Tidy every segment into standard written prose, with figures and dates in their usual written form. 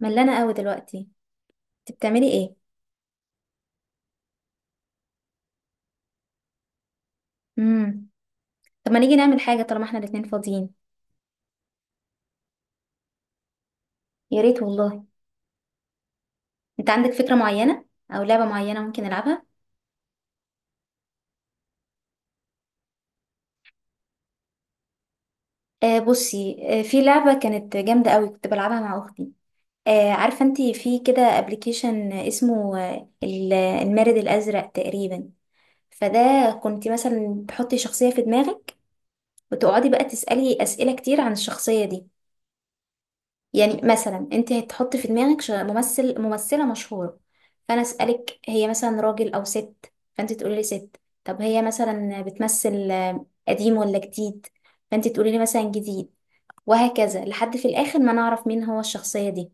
ملانة قوي دلوقتي. انت بتعملي ايه؟ امم طب ما نيجي نعمل حاجة طالما احنا الاتنين فاضيين. يا ريت والله. انت عندك فكرة معينة او لعبة معينة ممكن نلعبها؟ آه بصي، في لعبة كانت جامدة قوي كنت بلعبها مع اختي. آه، عارفة انت في كده ابلكيشن اسمه المارد الازرق تقريبا؟ فده كنت مثلا تحطي شخصية في دماغك وتقعدي بقى تسألي أسئلة كتير عن الشخصية دي. يعني مثلا انت هتحطي في دماغك ممثل، ممثلة مشهورة. فانا اسألك هي مثلا راجل او ست، فانت تقولي لي ست. طب هي مثلا بتمثل قديم ولا جديد؟ فانت تقولي لي مثلا جديد. وهكذا لحد في الاخر ما نعرف مين هو الشخصية دي.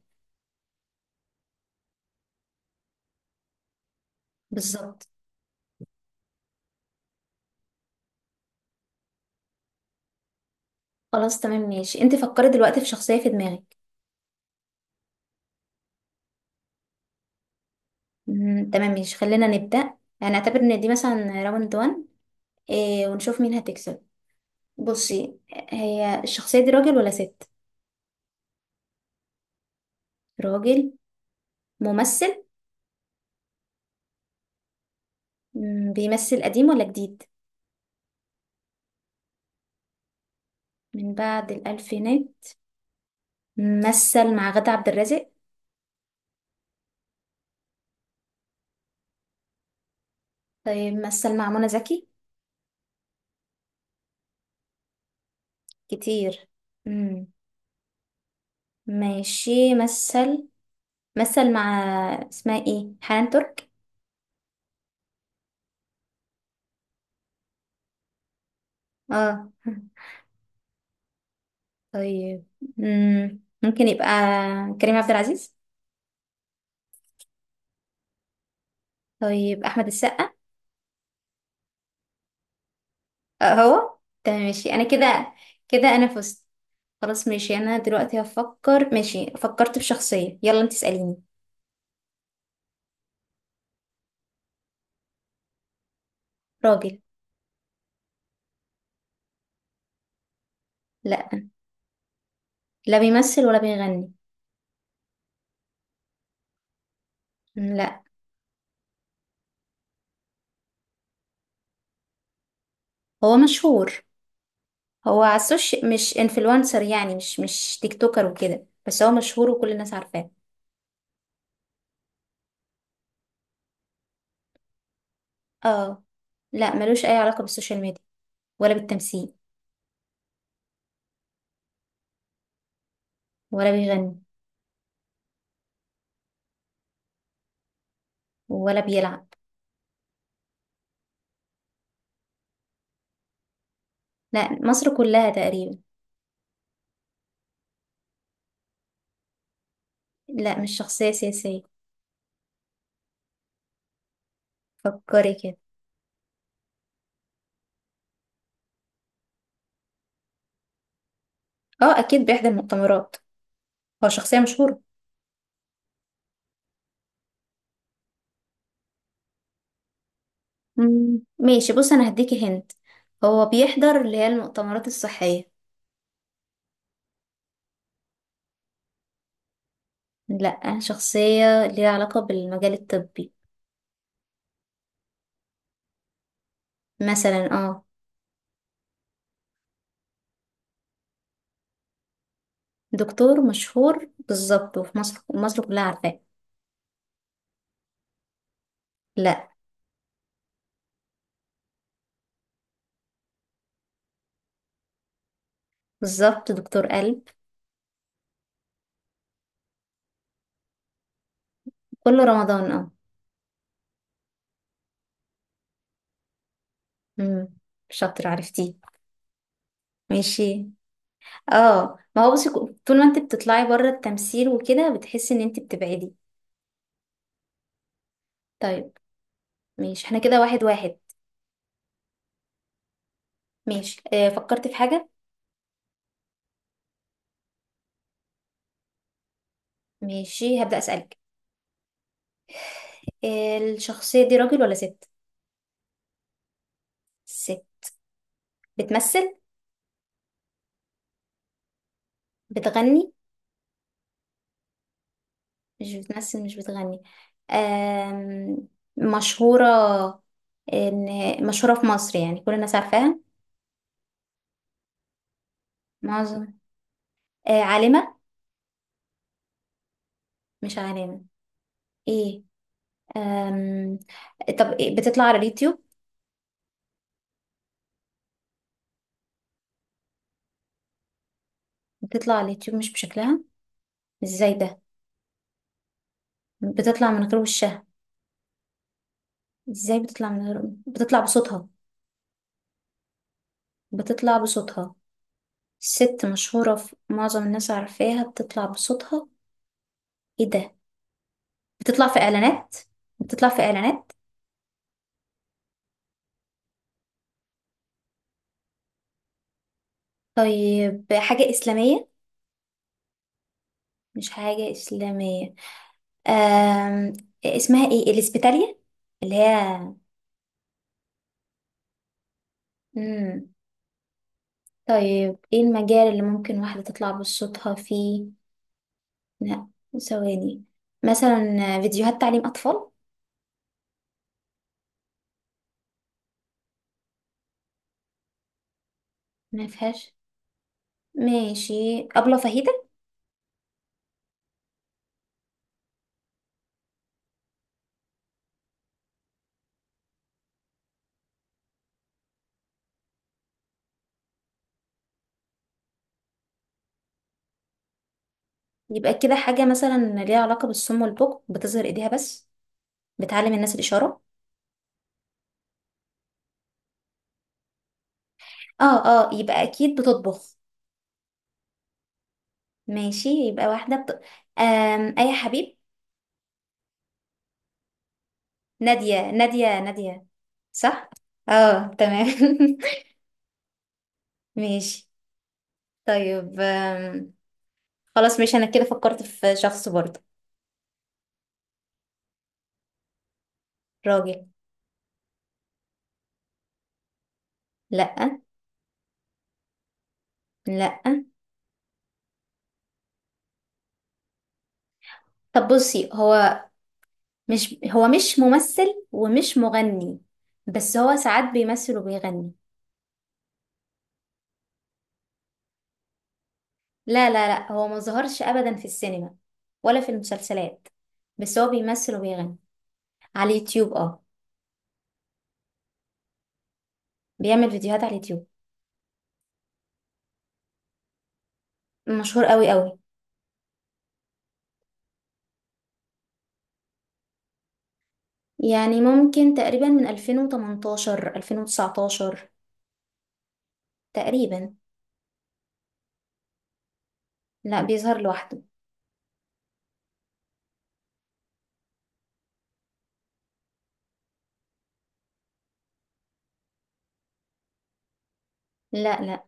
بالظبط. خلاص تمام ماشي، انت فكري دلوقتي في شخصية في دماغك. تمام ماشي خلينا نبدأ. هنعتبر ان دي مثلا راوند 1. إيه، ونشوف مين هتكسب. بصي، هي الشخصية دي راجل ولا ست؟ راجل. ممثل. بيمثل قديم ولا جديد؟ من بعد الألفينات. مثل مع غادة عبد الرازق؟ طيب مثل مع منى زكي؟ كتير. مم. ماشي، مثل، مثل مع، اسمها ايه، حنان ترك؟ اه. طيب. مم. ممكن يبقى كريم عبد العزيز؟ طيب أحمد السقا؟ آه هو. تمام ماشي، أنا كده. كده أنا فزت. خلاص ماشي، أنا دلوقتي هفكر. ماشي فكرت في شخصية، يلا انت اسأليني. راجل. لا. لا بيمثل ولا بيغني. لا هو مشهور. هو على السوشيال مش انفلونسر، يعني مش تيك توكر وكده، بس هو مشهور وكل الناس عارفاه. اه. لا، ملوش اي علاقة بالسوشيال ميديا ولا بالتمثيل. ولا بيغني. ولا بيلعب. لا، مصر كلها تقريبا. لا، مش شخصية سياسية. فكري كده. اه اكيد بيحضر مؤتمرات. هو شخصية مشهورة. مم. ماشي بص، انا هديكي هنت. هو بيحضر اللي هي المؤتمرات الصحية. لا، شخصية ليها علاقة بالمجال الطبي. مثلا اه. دكتور مشهور بالظبط، وفي مصر كلها عارفاه. لا. بالظبط، دكتور قلب. كل رمضان اه. امم. شاطر، عرفتيه. ماشي. اه ما هو بصي، طول ما انت بتطلعي بره التمثيل وكده بتحسي ان انت بتبعدي. طيب. ماشي احنا كده واحد واحد. ماشي آه فكرت في حاجة. ماشي هبدأ أسألك. آه الشخصية دي راجل ولا ست؟ ست. بتمثل؟ بتغني؟ مش بتمثل مش بتغني. آم، مشهورة؟ إن مشهورة في مصر يعني كل الناس عارفاها؟ معظم. عالمة؟ مش عالمة. إيه؟ آم، طب إيه؟ بتطلع على اليوتيوب؟ بتطلع على اليوتيوب مش بشكلها. إزاي ده؟ بتطلع من غير وشها. إزاي بتطلع من غير؟ بتطلع بصوتها. بتطلع بصوتها. ست مشهورة في معظم الناس عارفاها، بتطلع بصوتها. إيه ده؟ بتطلع في إعلانات؟ بتطلع في إعلانات؟ طيب حاجة إسلامية؟ مش حاجة إسلامية. أم... اسمها إيه، الإسبيتالية اللي هي. مم. طيب إيه المجال اللي ممكن واحدة تطلع بصوتها فيه؟ لا. ثواني. مثلا فيديوهات تعليم أطفال؟ ما فيهاش. ماشي، أبلة فهيدة؟ يبقى كده حاجة مثلا ليها علاقة بالصم والبكم، بتظهر إيديها بس، بتعلم الناس الإشارة. اه اه، يبقى أكيد بتطبخ. ماشي، يبقى واحدة أي حبيب. نادية، نادية، نادية. صح. اه تمام. ماشي. طيب خلاص ماشي، انا كده فكرت في شخص برضه. راجل. لا. لا. طب بصي هو، مش ممثل ومش مغني، بس هو ساعات بيمثل وبيغني. لا لا لا، هو ما ظهرش ابدا في السينما ولا في المسلسلات، بس هو بيمثل وبيغني على اليوتيوب. اه، بيعمل فيديوهات على اليوتيوب. مشهور قوي قوي. يعني ممكن تقريبا من 2018 2019 تقريبا. لا، بيظهر لوحده. لا لا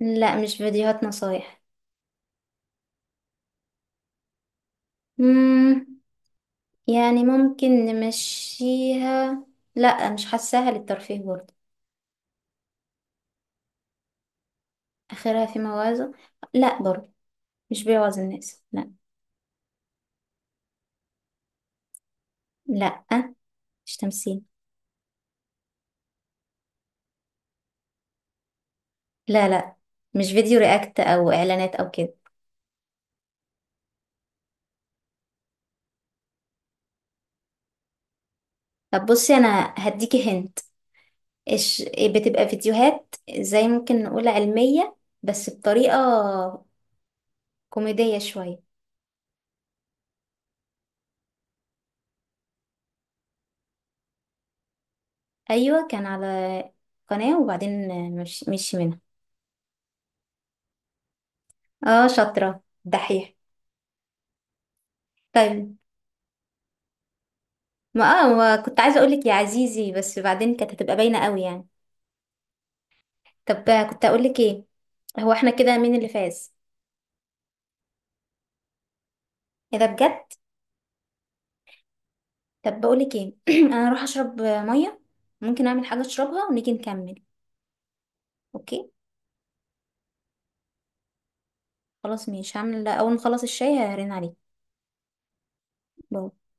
لا، مش فيديوهات نصايح. مم. يعني ممكن نمشيها. لا، مش حاساها للترفيه برضه. اخرها في موازة. لا برضه. مش بيوعظ الناس، لا. لا. مش تمثيل. لا لا، مش فيديو رياكت او اعلانات او كده. طب بصي، انا هديكي هنت. إش بتبقى فيديوهات زي ممكن نقول علمية، بس بطريقة كوميدية شوية. ايوه، كان على قناة وبعدين، مش منها. اه. شاطرة، دحيح. طيب. ما اه ما كنت عايزة اقولك يا عزيزي، بس بعدين كانت هتبقى باينة قوي يعني. طب كنت اقولك ايه. هو احنا كده مين اللي فاز؟ ايه ده بجد؟ طب بقولك ايه انا اروح اشرب مية. ممكن اعمل حاجة اشربها ونيجي نكمل. اوكي. خلاص ماشي، هعمل اول ما اخلص الشاي هرن عليك. باي.